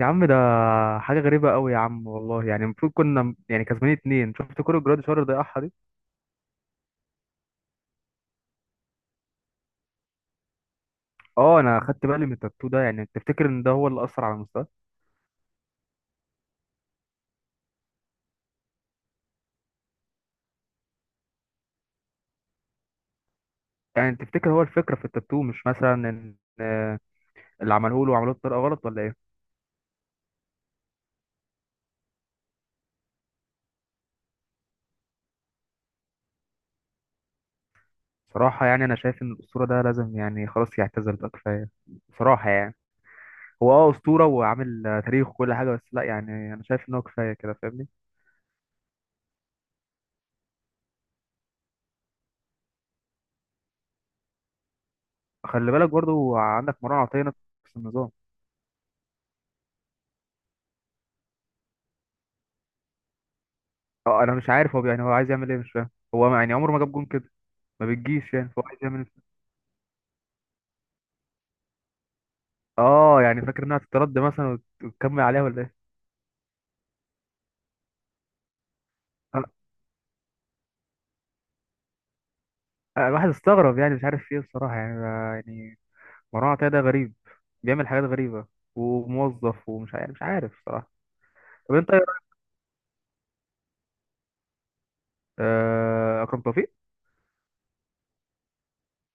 يا عم، ده حاجة غريبة قوي يا عم. والله يعني المفروض كنا يعني كسبانين اتنين. شفت كرة جراد شهر ضيعها دي. اه، انا خدت بالي من التاتو ده. يعني تفتكر ان ده هو اللي اثر على مستواه؟ يعني تفتكر هو الفكرة في التاتو؟ مش مثلا ان اللي عملوه له عملوه بطريقة غلط ولا ايه؟ بصراحة يعني انا شايف ان الاسطورة ده لازم يعني خلاص يعتزل بقى، كفاية بصراحة يعني. هو اه اسطورة، وعامل تاريخ وكل حاجة، بس لا، يعني انا شايف ان هو كفاية كده، فاهمني. خلي بالك برضو عندك مروان عطية نفس النظام. اه، انا مش عارف هو يعني هو عايز يعمل ايه، مش فاهم. هو يعني عمره ما جاب جون كده، ما بتجيش يعني، فهو عايز يعمل. اه يعني فاكر انها تترد مثلا وتكمل عليها ولا ايه؟ أنا- أنا الواحد استغرب يعني، مش عارف فيه بصراحة يعني يعني مروان عطية ده غريب، بيعمل حاجات غريبة، وموظف، ومش عارف، مش عارف بصراحة. طب انت إيه رأيك؟ اكرم توفيق.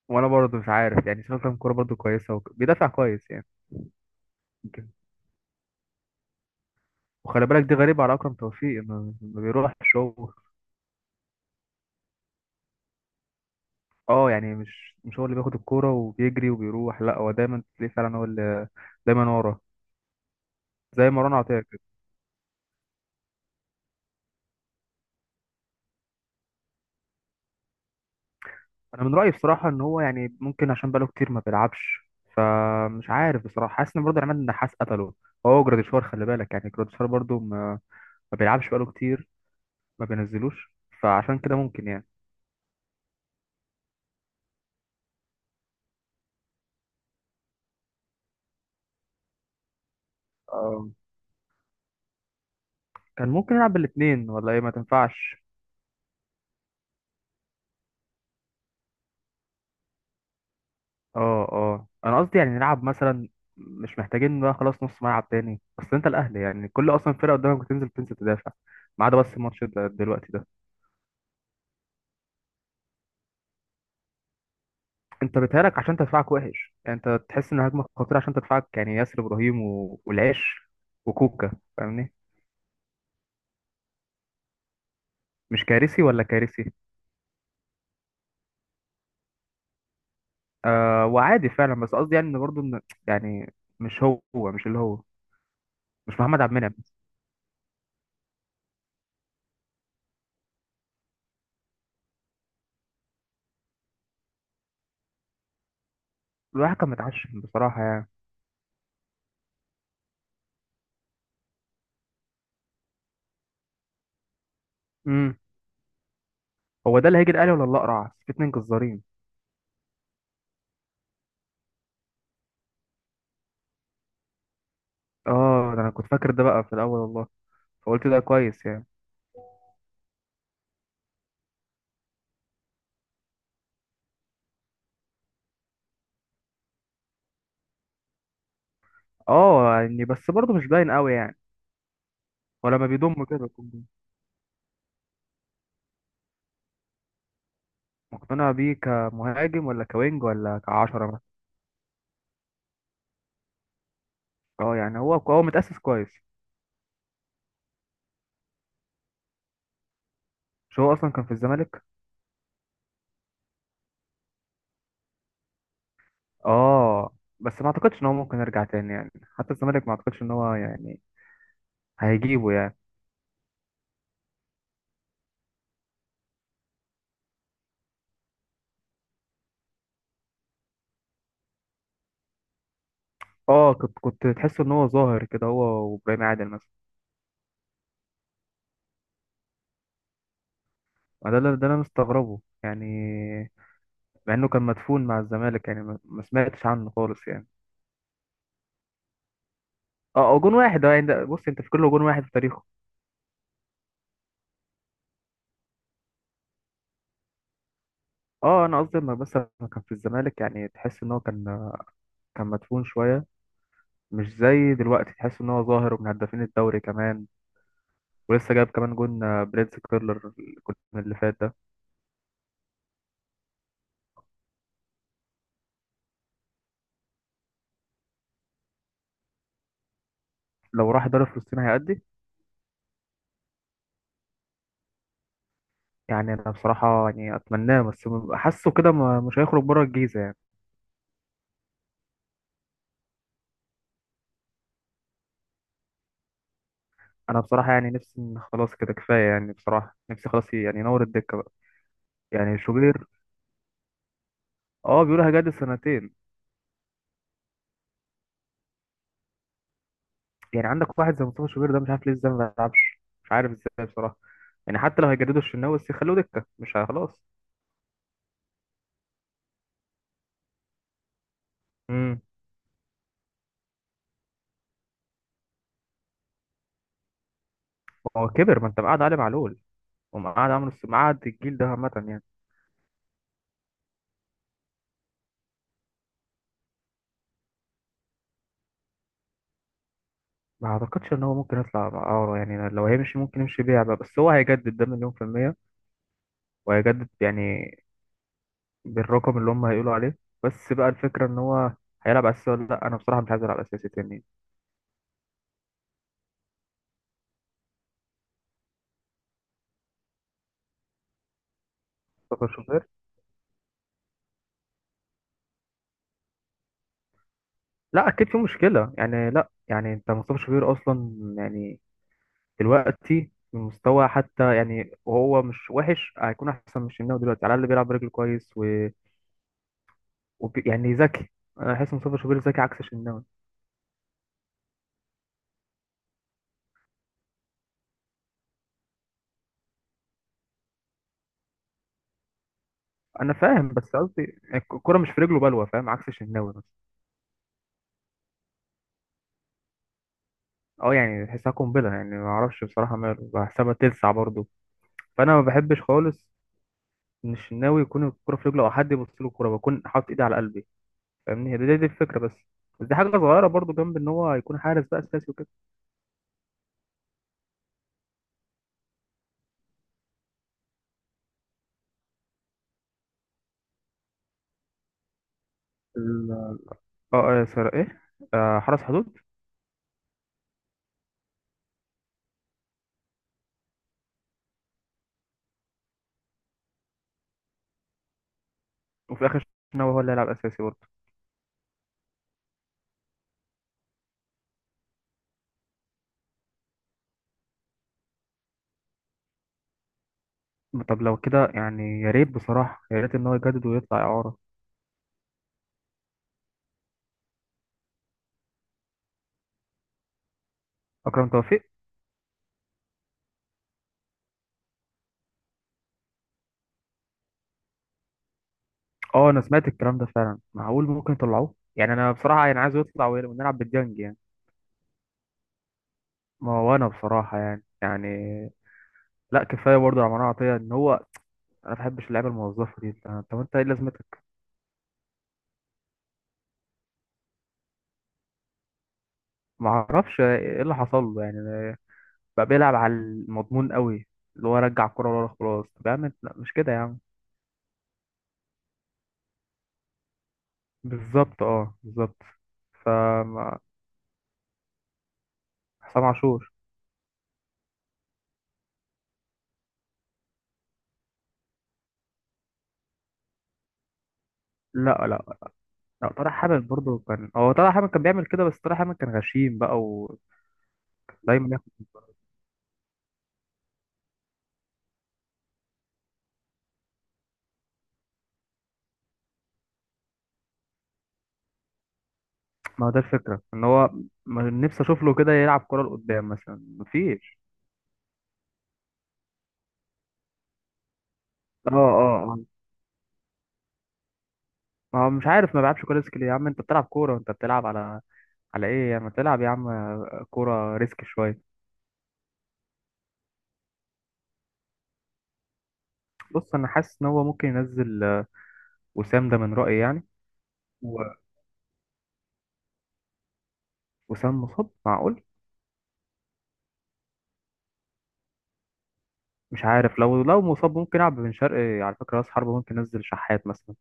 وانا برضه مش عارف يعني، شايف اكرم كورة برضه كويسة بيدافع كويس يعني. يمكن. وخلي بالك دي غريبة على اكرم توفيق، ما بيروحش هو. اه يعني مش هو اللي بياخد الكورة وبيجري وبيروح، لا هو دايما تلاقيه، فعلا هو اللي دايما ورا، زي مروان عطية كده. انا من رايي بصراحه ان هو يعني ممكن عشان بقاله كتير ما بيلعبش. مش عارف بصراحه، حاسس ان برضه عماد النحاس قتله. هو جراديشوار، خلي بالك يعني جراديشوار برضه ما بيلعبش بقاله كتير، ما بينزلوش، فعشان كده ممكن يعني. آه. كان ممكن يلعب بالاثنين ولا ايه، ما تنفعش؟ اه اه، انا قصدي يعني نلعب مثلا. مش محتاجين بقى خلاص نص ملعب تاني. اصل انت الاهلي يعني كل اصلا فرقه قدامك بتنزل بتنزل تدافع، ما عدا بس الماتش ده دلوقتي ده. انت بيتهيألك عشان تدفعك وحش، يعني انت تحس ان هجمه خطيره عشان تدفعك يعني، ياسر ابراهيم والعش وكوكا، فاهمني. مش كارثي ولا كارثي. آه، وعادي فعلا، بس قصدي يعني ان برضه ان يعني مش هو، مش اللي هو، مش محمد عبد المنعم. الواحد كان متعشم بصراحه يعني. امم هو ده اللي هيجي الاهلي ولا الاقرع في اتنين جزارين؟ اه، ده انا كنت فاكر ده بقى في الاول والله، فقلت ده كويس يعني. اه يعني بس برضه مش باين قوي يعني، ولما بيضم كده. مقتنع بيه كمهاجم ولا كوينج ولا كعشرة مثلا؟ اه يعني هو، هو متأسس كويس. مش هو اصلا كان في الزمالك؟ اه بس ما اعتقدش ان هو ممكن يرجع تاني يعني، حتى الزمالك ما اعتقدش ان هو يعني هيجيبه يعني. اه، كنت تحس ان هو ظاهر كده هو، وابراهيم عادل مثلا. ما ده اللي انا مستغربه يعني، مع انه كان مدفون مع الزمالك يعني، ما سمعتش عنه خالص يعني. اه هو جون واحد، اه يعني بص انت في كله جون واحد في تاريخه. اه انا قصدي لما كان في الزمالك يعني تحس ان هو كان، كان مدفون شويه، مش زي دلوقتي تحس ان هو ظاهر ومن هدافين الدوري كمان، ولسه جايب كمان جون، بريتز كيرلر، الجون اللي فات ده. لو راح دوري فلسطين هيأدي. يعني انا بصراحة يعني اتمناه، بس حاسه كده مش هيخرج بره الجيزة يعني. انا بصراحة يعني نفسي إن خلاص كده كفاية يعني، بصراحة نفسي خلاص يعني ينور الدكة بقى. يعني شوبير. اه بيقولوا هيجدد سنتين. يعني عندك واحد زي مصطفى شوبير ده، مش عارف ليه ازاي ما بيلعبش، مش عارف ازاي بصراحة. يعني حتى لو هيجددوا الشناوي بس يخلوه دكة مش خلاص. امم هو كبر، ما انت مقعد علي معلول، ومقعد عمرو مقعد الجيل ده عامة يعني. ما اعتقدش ان هو ممكن يطلع اعاره يعني. لو هيمشي ممكن يمشي بيعبع، بس هو هيجدد ده مليون في المية، وهيجدد يعني بالرقم اللي هم هيقولوا عليه. بس بقى الفكرة ان هو هيلعب اساسي ولا لا. انا بصراحة مش عايز العب اساسي تاني. مصطفى شوبير. لا اكيد في مشكلة يعني، لا يعني انت مصطفى شوبير اصلا يعني دلوقتي من مستوى حتى يعني، وهو مش وحش، هيكون احسن من الشناوي دلوقتي، على الاقل بيلعب برجله كويس يعني ذكي. انا بحس مصطفى شوبير ذكي عكس الشناوي. انا فاهم، بس قصدي الكوره مش في رجله بلوه، فاهم، عكس الشناوي مثلا. اه يعني تحسها قنبله يعني، ما اعرفش بصراحه ماله، بحسبها تلسع برضه. فانا ما بحبش خالص ان الشناوي يكون الكوره في رجله، او حد يبص له الكوره بكون حاطط ايدي على قلبي، فاهمني. هي دي الفكره بس. بس دي حاجه صغيره برضه جنب ان هو يكون حارس بقى اساسي وكده. ال- اه اه، سر ايه، آه، حرس حدود. وفي الاخر الشناوي هو اللي هيلعب اساسي برضه. طب لو كده يعني يا ريت بصراحه، يا ريت ان هو يجدد ويطلع اعاره. اكرم توفيق. اه، انا سمعت الكلام ده فعلا، معقول ممكن يطلعوه يعني. انا بصراحه يعني عايز يطلع ونلعب بالديانج يعني. ما هو انا بصراحه يعني يعني، لا كفايه برضه على عطيه ان هو، انا ما بحبش اللعيبه الموظفه دي. طب، طب انت ايه لازمتك؟ ما اعرفش ايه اللي حصل له يعني، بقى بيلعب على المضمون قوي، اللي هو رجع الكره ورا خلاص. طب يا عم لا، مش كده يا عم. بالظبط، اه بالظبط فما. حسام عاشور. لا لا لا. طارق حامد برضه كان، هو طارق حامد كان بيعمل كده، بس طارق حامد كان غشيم بقى ودايما. ما هو ده الفكرة ان هو م- نفسي اشوف له كده يلعب كورة لقدام مثلا، مفيش. اه اه اه. ما هو مش عارف، ما بيلعبش كورة ريسك ليه؟ يا عم انت بتلعب كورة، انت بتلعب على ايه يعني؟ ما تلعب يا عم كورة ريسك شوية. بص انا حاسس ان هو ممكن ينزل وسام ده من رأيي يعني. و- وسام مصاب، معقول. مش عارف، لو مصاب ممكن يلعب بن شرقي على فكرة راس حربة، ممكن ينزل شحات مثلا.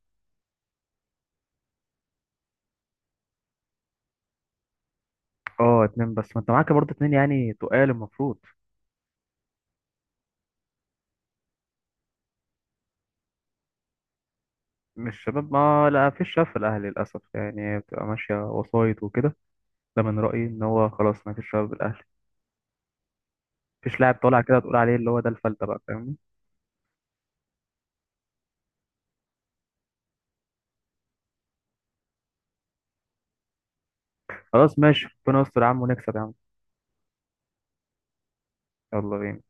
اه، اتنين بس. ما انت معاك برضه اتنين يعني، تقال المفروض. مش شباب، ما لا فيش شاف الاهلي للاسف يعني، بتبقى ماشية وسايط وكده. ده من رأيي ان هو خلاص ما فيش شباب الاهلي. مفيش لاعب طالع كده تقول عليه اللي هو ده الفلتة بقى، فاهمني. خلاص ماشي، ربنا يستر يا عم ونكسب يا عم. يلا بينا.